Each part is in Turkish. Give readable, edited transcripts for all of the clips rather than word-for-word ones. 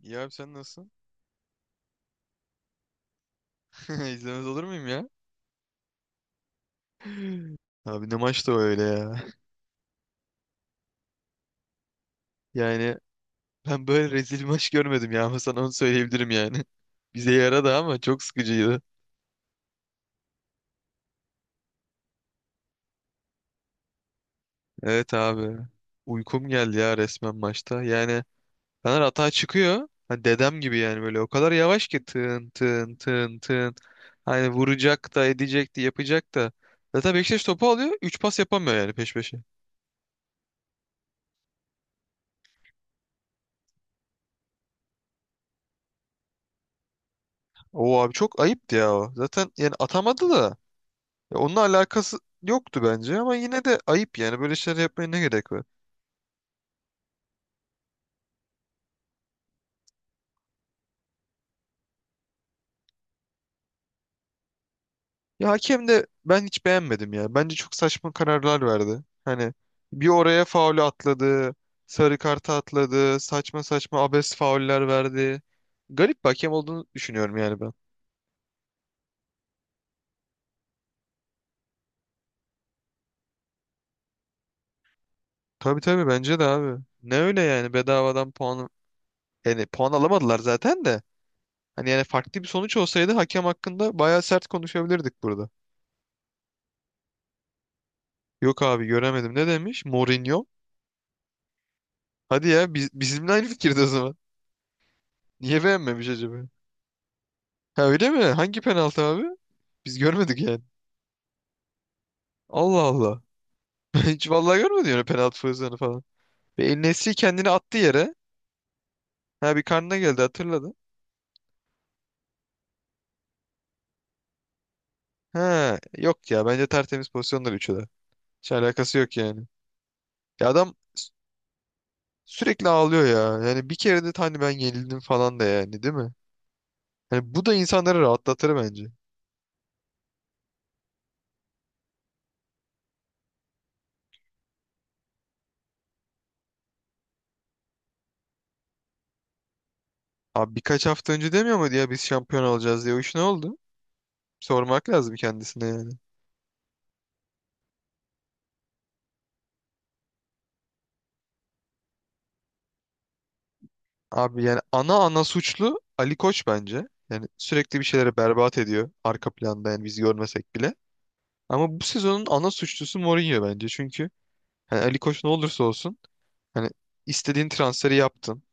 İyi abi sen nasılsın? İzlemez olur muyum ya? Abi ne maçtı o öyle ya. Yani ben böyle rezil bir maç görmedim ya ama sana onu söyleyebilirim yani. Bize yaradı ama çok sıkıcıydı. Evet abi. Uykum geldi ya resmen maçta. Yani Fener atağa çıkıyor. Hani dedem gibi yani böyle o kadar yavaş ki tın tın tın tın. Hani vuracak da edecek de yapacak da. Zaten Beşiktaş topu alıyor, 3 pas yapamıyor yani peş peşe. O abi çok ayıptı ya o. Zaten yani atamadı da. Ya onunla alakası yoktu bence ama yine de ayıp yani, böyle şeyler yapmaya ne gerek var? Ya hakem de ben hiç beğenmedim ya. Bence çok saçma kararlar verdi. Hani bir oraya faulü atladı, sarı kartı atladı, saçma saçma abes fauller verdi. Garip bir hakem olduğunu düşünüyorum yani ben. Tabii tabii, bence de abi. Ne öyle yani, bedavadan puan, yani puan alamadılar zaten de. Hani yani farklı bir sonuç olsaydı hakem hakkında bayağı sert konuşabilirdik burada. Yok abi göremedim. Ne demiş? Mourinho. Hadi ya, biz, bizimle aynı fikirde o zaman. Niye beğenmemiş acaba? Ha öyle mi? Hangi penaltı abi? Biz görmedik yani. Allah Allah. Ben hiç vallahi görmedim yani, penaltı pozisyonu falan. Ve El Nesri kendini attı yere. Ha, bir karnına geldi, hatırladı. Ha yok ya, bence tertemiz pozisyonlar üçü de. Hiç alakası yok yani. Ya adam sürekli ağlıyor ya. Yani bir kere de hani ben yenildim falan da yani, değil mi? Yani bu da insanları rahatlatır bence. Abi birkaç hafta önce demiyor muydu ya biz şampiyon olacağız diye. O iş ne oldu? Sormak lazım kendisine yani. Abi yani ana suçlu Ali Koç bence. Yani sürekli bir şeylere berbat ediyor arka planda, yani biz görmesek bile. Ama bu sezonun ana suçlusu Mourinho bence. Çünkü hani Ali Koç ne olursa olsun, hani istediğin transferi yaptın.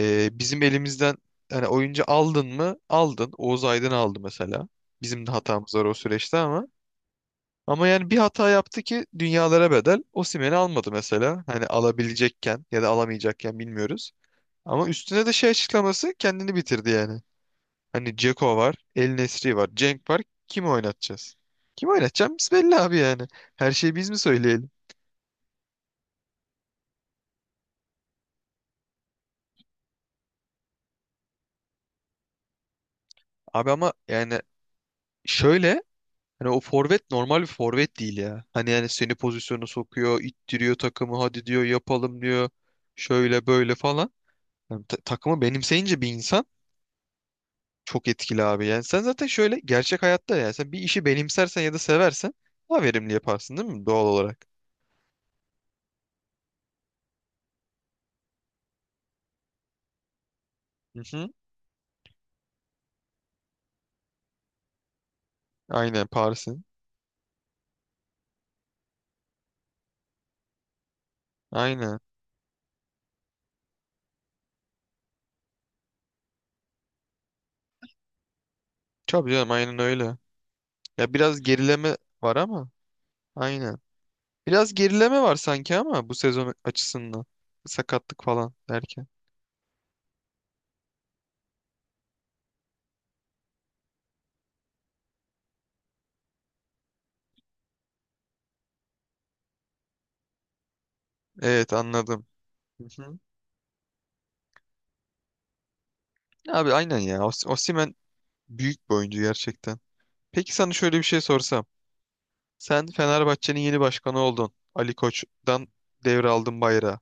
Bizim elimizden hani oyuncu aldın mı? Aldın. Oğuz Aydın aldı mesela. Bizim de hatamız var o süreçte ama. Ama yani bir hata yaptı ki dünyalara bedel. Osimhen'i almadı mesela. Hani alabilecekken ya da alamayacakken bilmiyoruz. Ama üstüne de şey açıklaması kendini bitirdi yani. Hani Dzeko var, El Nesri var, Cenk var. Kimi oynatacağız? Kim oynatacağımız belli abi yani. Her şeyi biz mi söyleyelim? Abi ama yani şöyle, hani o forvet normal bir forvet değil ya. Hani yani seni pozisyona sokuyor, ittiriyor takımı, hadi diyor, yapalım diyor. Şöyle böyle falan. Yani takımı benimseyince bir insan çok etkili abi. Yani sen zaten şöyle, gerçek hayatta yani, sen bir işi benimsersen ya da seversen daha verimli yaparsın, değil mi, doğal olarak? Hı hı. Aynen, Paris'in. Aynen. Tabii canım, aynen öyle. Ya biraz gerileme var ama aynen. Biraz gerileme var sanki ama bu sezon açısından. Sakatlık falan derken. Evet anladım. Hı hı. Abi aynen ya. Osimhen büyük bir oyuncu gerçekten. Peki sana şöyle bir şey sorsam. Sen Fenerbahçe'nin yeni başkanı oldun. Ali Koç'tan devraldın bayrağı.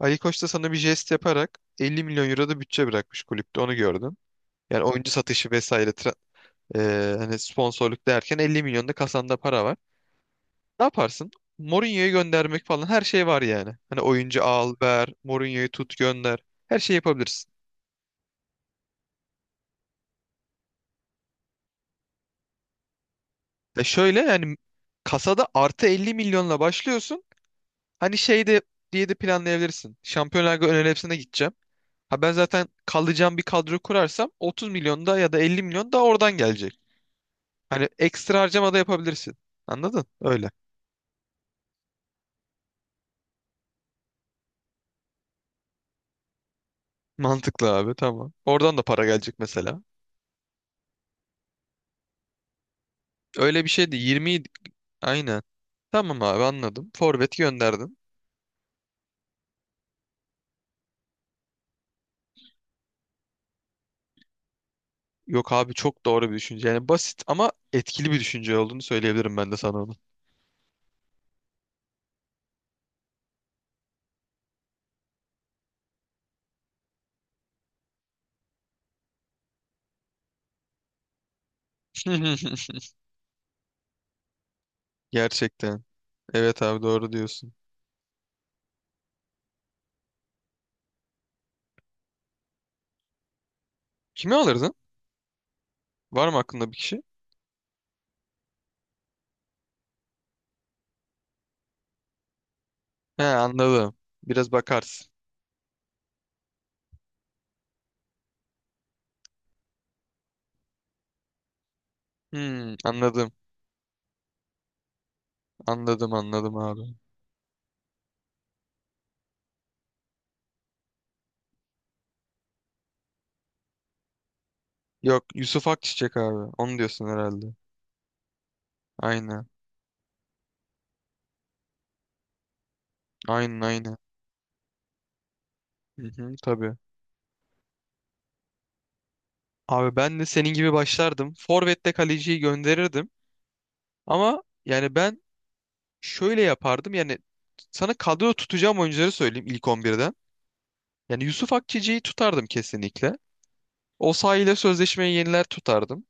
Ali Koç da sana bir jest yaparak 50 milyon euro da bütçe bırakmış kulüpte. Onu gördüm. Yani oyuncu satışı vesaire hani sponsorluk derken 50 milyon da kasanda para var. Ne yaparsın? Mourinho'yu göndermek falan, her şey var yani. Hani oyuncu al, ver, Mourinho'yu tut, gönder. Her şeyi yapabilirsin. Ya şöyle yani, kasada artı 50 milyonla başlıyorsun. Hani şey de diye de planlayabilirsin. Şampiyonlar Ligi ön elepsine gideceğim. Ha, ben zaten kalacağım bir kadro kurarsam 30 milyon da ya da 50 milyon da oradan gelecek. Hani ekstra harcama da yapabilirsin. Anladın? Öyle. Mantıklı abi, tamam. Oradan da para gelecek mesela. Öyle bir şeydi. 20, aynen. Tamam abi anladım. Forvet gönderdin. Yok abi, çok doğru bir düşünce. Yani basit ama etkili bir düşünce olduğunu söyleyebilirim ben de sana onu. Gerçekten. Evet abi, doğru diyorsun. Kimi alırdın? Var mı aklında bir kişi? He, anladım. Biraz bakarsın. Hmm, anladım. Anladım anladım abi. Yok, Yusuf Akçiçek abi. Onu diyorsun herhalde. Aynen. Aynen aynen. Hı hı, tabii. Abi ben de senin gibi başlardım. Forvet'te kaleciyi gönderirdim. Ama yani ben şöyle yapardım. Yani sana kadro tutacağım oyuncuları söyleyeyim ilk 11'den. Yani Yusuf Akçeci'yi tutardım kesinlikle. Osayi ile sözleşmeyi yeniler, tutardım.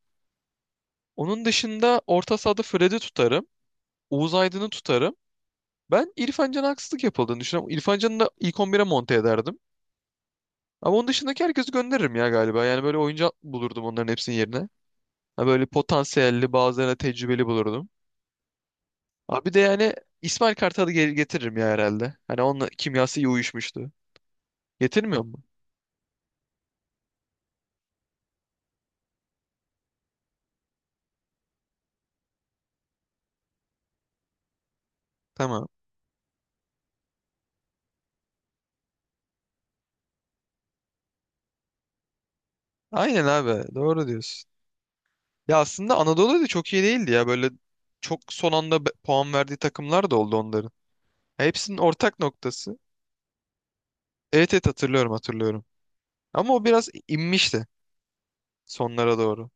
Onun dışında orta sahada Fred'i tutarım. Oğuz Aydın'ı tutarım. Ben İrfan Can'a haksızlık yapıldığını düşünüyorum. İrfan Can'ı da ilk 11'e monte ederdim. Ama onun dışındaki herkesi gönderirim ya galiba. Yani böyle oyuncu bulurdum onların hepsinin yerine. Ha, böyle potansiyelli bazılarına tecrübeli bulurdum. Abi bir de yani İsmail Kartal'ı geri getiririm ya herhalde. Hani onunla kimyası iyi uyuşmuştu. Getirmiyor mu? Tamam. Aynen abi. Doğru diyorsun. Ya aslında Anadolu da çok iyi değildi ya. Böyle çok son anda puan verdiği takımlar da oldu onların. Ya, hepsinin ortak noktası. Evet evet, hatırlıyorum hatırlıyorum. Ama o biraz inmişti sonlara doğru.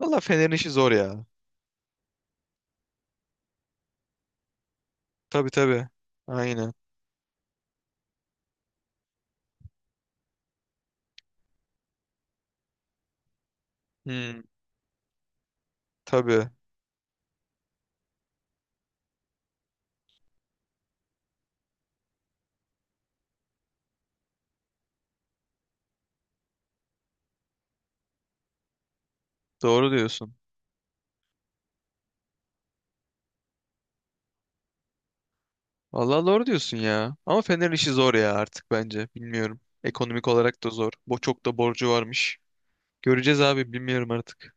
Valla Fener'in işi zor ya. Tabii tabii. Aynen. Hmm, tabii. Doğru diyorsun. Valla doğru diyorsun ya. Ama Fener'in işi zor ya artık bence. Bilmiyorum. Ekonomik olarak da zor. Bo çok da borcu varmış. Göreceğiz abi, bilmiyorum artık.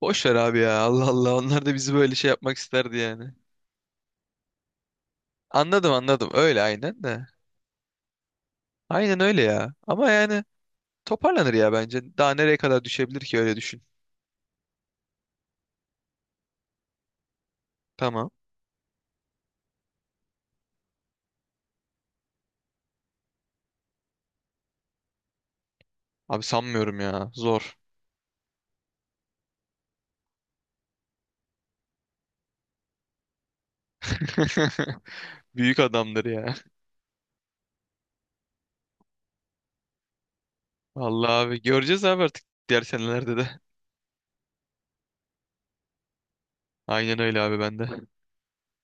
Boş ver abi ya. Allah Allah. Onlar da bizi böyle şey yapmak isterdi yani. Anladım anladım. Öyle aynen de. Aynen öyle ya. Ama yani toparlanır ya bence. Daha nereye kadar düşebilir ki, öyle düşün. Tamam. Abi sanmıyorum ya. Zor. Büyük adamdır ya. Vallahi abi göreceğiz abi artık, diğer senelerde de. Aynen öyle abi, bende.